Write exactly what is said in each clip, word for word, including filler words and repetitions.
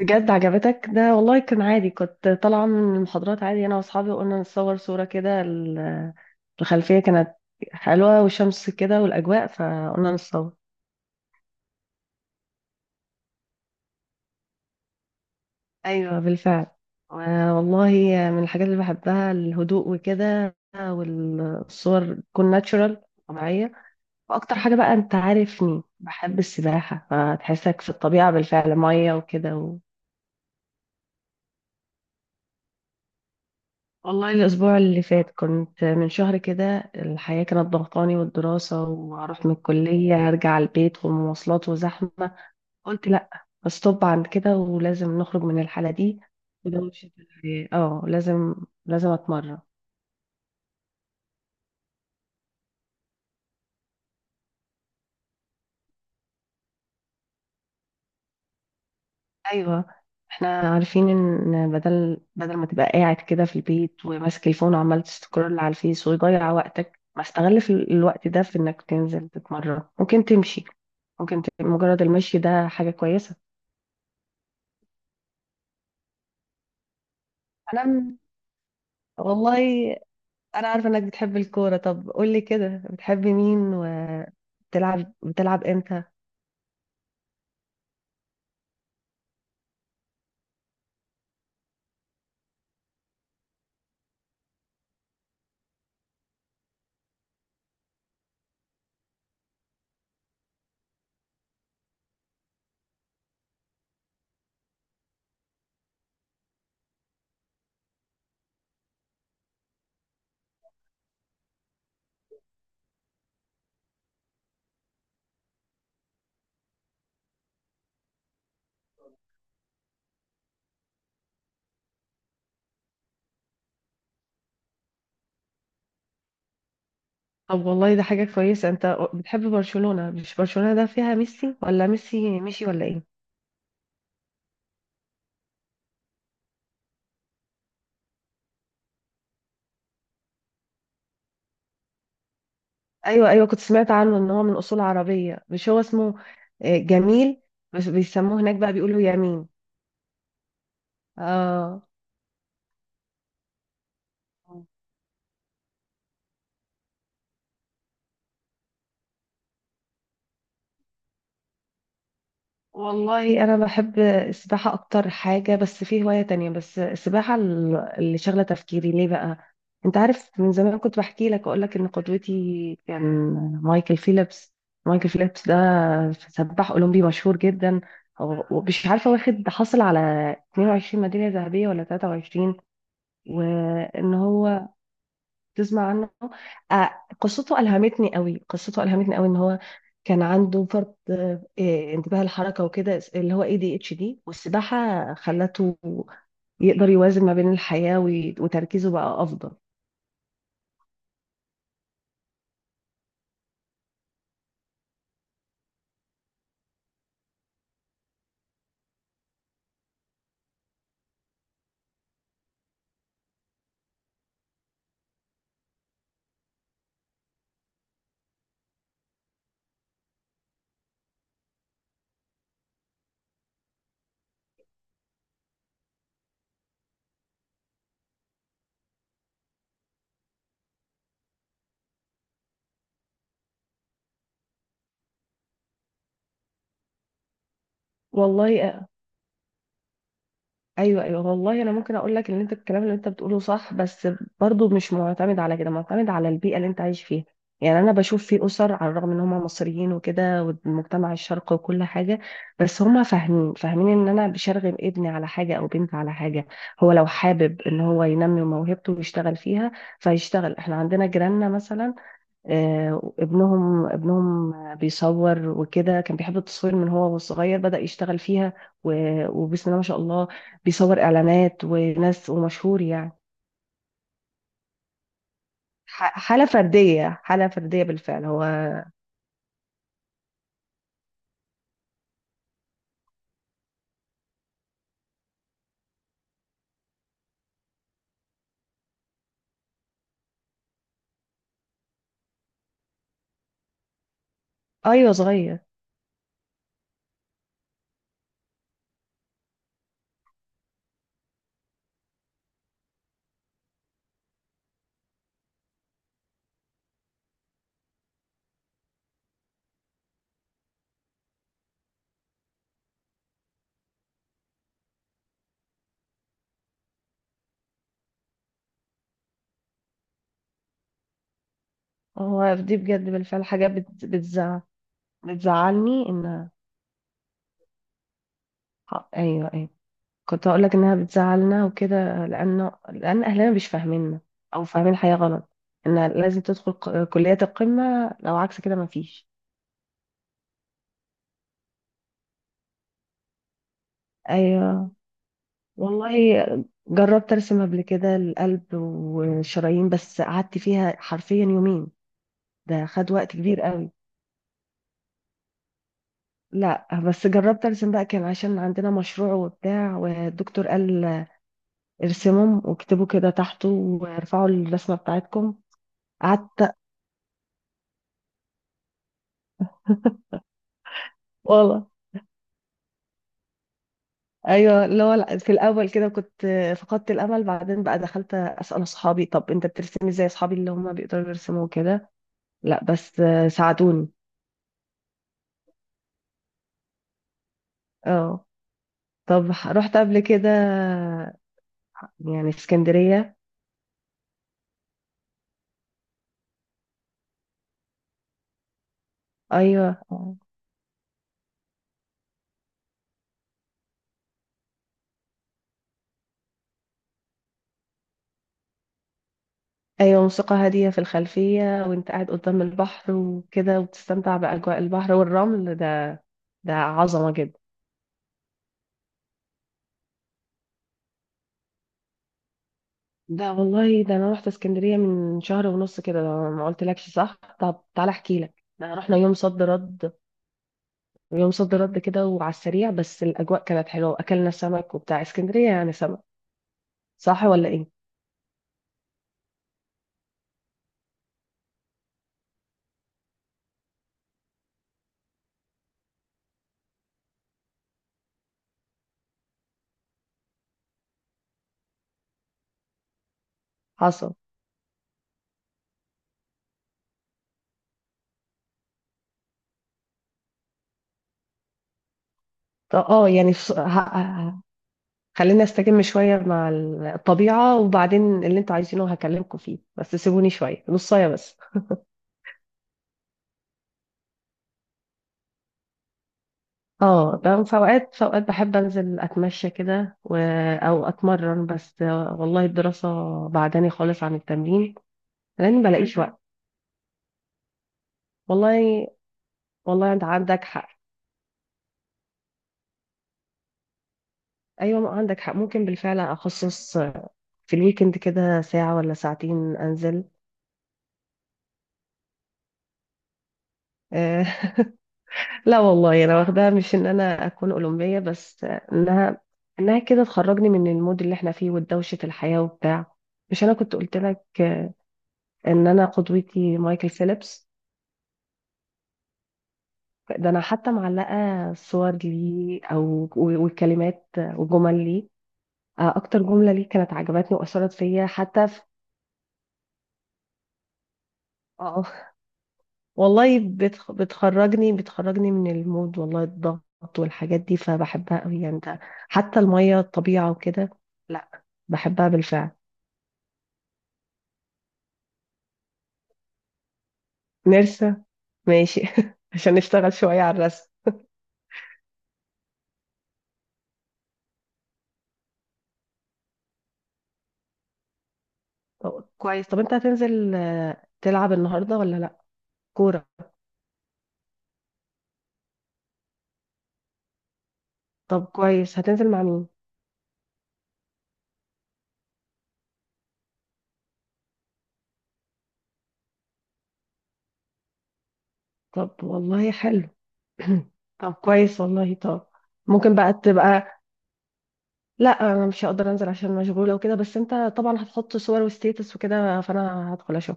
بجد عجبتك ده؟ والله كان عادي، كنت طالعة من المحاضرات عادي أنا وأصحابي وقلنا نصور صورة كده. ال- الخلفية كانت حلوة والشمس كده والأجواء فقلنا نصور. أيوة بالفعل. و- والله من الحاجات اللي بحبها الهدوء وكده، والصور تكون ناتشورال، طبيعية. وأكتر حاجة بقى، أنت عارفني بحب السباحة، فتحسك في الطبيعة بالفعل، مية وكده. والله الأسبوع اللي فات كنت، من شهر كده الحياة كانت ضغطاني والدراسة، وهروح من الكلية أرجع البيت والمواصلات وزحمة. قلت لأ، استوب عند كده، ولازم نخرج من الحالة دي. وده مش الحياة، اه لازم، لازم أتمرن. أيوة، احنا عارفين إن بدل بدل ما تبقى قاعد كده في البيت وماسك الفون وعمال تسكرول على الفيس ويضيع وقتك، ما استغل في الوقت ده في إنك تنزل تتمرن، ممكن تمشي، ممكن ت- مجرد المشي ده حاجة كويسة. انا م- والله انا عارفه انك بتحب الكوره. طب قولي كده، بتحبي مين، وبتلعب بتلعب امتى؟ طب والله ده حاجه كويسه، انت بتحب برشلونه. مش برشلونه ده فيها ميسي؟ ولا ميسي مشي ولا ايه؟ ايوه ايوه، كنت سمعت عنه ان هو من اصول عربيه. مش هو اسمه، آه، جميل، بس بيسموه هناك بقى بيقولوا يمين. اه. والله انا بحب السباحه اكتر حاجه. بس في هوايه تانية، بس السباحه ال- اللي شغله تفكيري ليه بقى. انت عارف من زمان كنت بحكي لك، اقول لك ان قدوتي كان مايكل فيليبس. مايكل فيليبس ده سباح اولمبي مشهور جدا. هو- ومش عارفه واخد، حصل على اتنين وعشرين ميداليه ذهبيه ولا تلاتة وعشرين. وان هو، تسمع عنه؟ آه، قصته ألهمتني قوي، قصته ألهمتني قوي. إن هو كان عنده فرط، آه إيه، انتباه الحركة وكده، اللي هو اي دي اتش دي، والسباحة خلته يقدر يوازن ما بين الحياة وي- وتركيزه بقى أفضل. والله ايوه ايوه. والله انا ممكن اقول لك ان انت الكلام اللي انت بتقوله صح، بس برضو مش معتمد على كده، معتمد على البيئه اللي انت عايش فيها. يعني انا بشوف في اسر على الرغم ان هم مصريين وكده والمجتمع الشرقي وكل حاجه، بس هم فاهمين فاهمين ان انا بشرغم ابني على حاجه او بنتي على حاجه. هو لو حابب ان هو ينمي موهبته ويشتغل فيها فيشتغل. احنا عندنا جيراننا مثلا، آه، ابنهم ابنهم بيصور وكده، كان بيحب التصوير من هو وصغير، بدأ يشتغل فيها. و- وبسم الله ما شاء الله بيصور إعلانات وناس، ومشهور يعني. ح- حالة فردية، حالة فردية بالفعل. هو أيوه صغير. هو دي بجد بالفعل حاجة بت- بتزع، بتزعلني إن، ح- أيوه أيوه، كنت هقول لك إنها بتزعلنا وكده، لأنه لأن أهلنا مش فاهميننا أو فاهمين الحياة غلط. إن لازم تدخل ق- كليات القمة، لو عكس كده مفيش. ايوه. والله جربت ارسم قبل كده القلب والشرايين، بس قعدت فيها حرفيا يومين. ده خد وقت كبير قوي. لا بس جربت ارسم بقى، كان عشان عندنا مشروع وبتاع، والدكتور قال ارسمهم واكتبوا كده تحته وارفعوا الرسمه بتاعتكم. قعدت، والله ايوه، اللي هو لا، في الاول كده كنت فقدت الامل، بعدين بقى دخلت اسال اصحابي، طب انت بترسمي؟ زي اصحابي اللي هم بيقدروا يرسموا كده. لا بس ساعدوني. اه. طب ح- رحت قبل كده يعني اسكندرية؟ أيوة. أيوة، موسيقى هادية في الخلفية، وأنت قاعد قدام البحر وكده، وبتستمتع بأجواء البحر والرمل ده. ده عظمة جدا. ده والله ده أنا رحت اسكندرية من شهر ونص كده. ده ما قلتلكش؟ صح، طب تعالى أحكي لك، ده رحنا يوم صد رد، يوم صد رد كده، وعلى السريع، بس الأجواء كانت حلوة وأكلنا سمك، وبتاع اسكندرية يعني سمك، صح ولا إيه؟ حصل. طب اه يعني، خلينا استجم شوية مع الطبيعة، وبعدين اللي انتوا عايزينه هكلمكم فيه، بس سيبوني شوية نصاية بس. اه بقى في اوقات، في اوقات بحب انزل اتمشى كده و… او اتمرن، بس والله الدراسة بعداني خالص عن التمرين لاني بلاقيش وقت. والله. والله انت عندك حق، ايوه عندك حق، ممكن بالفعل اخصص في الويكند كده ساعة ولا ساعتين انزل. آه، لا والله انا واخداها مش ان انا اكون اولمبيه، بس انها، انها كده تخرجني من المود اللي احنا فيه ودوشه الحياه وبتاع. مش انا كنت قلت لك ان انا قدوتي مايكل فيليبس؟ ده انا حتى معلقه صور ليه او والكلمات وجمل ليه، آه، اكتر جمله ليه كانت عجبتني واثرت فيا حتى في. اه، والله بتخ... بتخرجني، بتخرجني من المود، والله الضغط والحاجات دي، فبحبها قوي يعني، ده حتى المية، الطبيعة وكده، لا، بحبها بالفعل. نرسة، ماشي. عشان نشتغل شوية على الرسم. طب كويس. طب انت هتنزل، آه، تلعب النهاردة ولا لا؟ كورة. طب كويس، هتنزل مع مين؟ طب والله حلو. طب كويس والله، طب، ممكن بقى تبقى، لا انا مش هقدر انزل عشان مشغولة وكده، بس انت طبعا هتحط صور وستيتس وكده، فانا هدخل اشوف.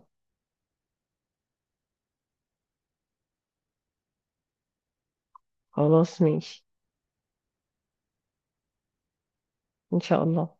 خلاص ماشي. ان شاء الله.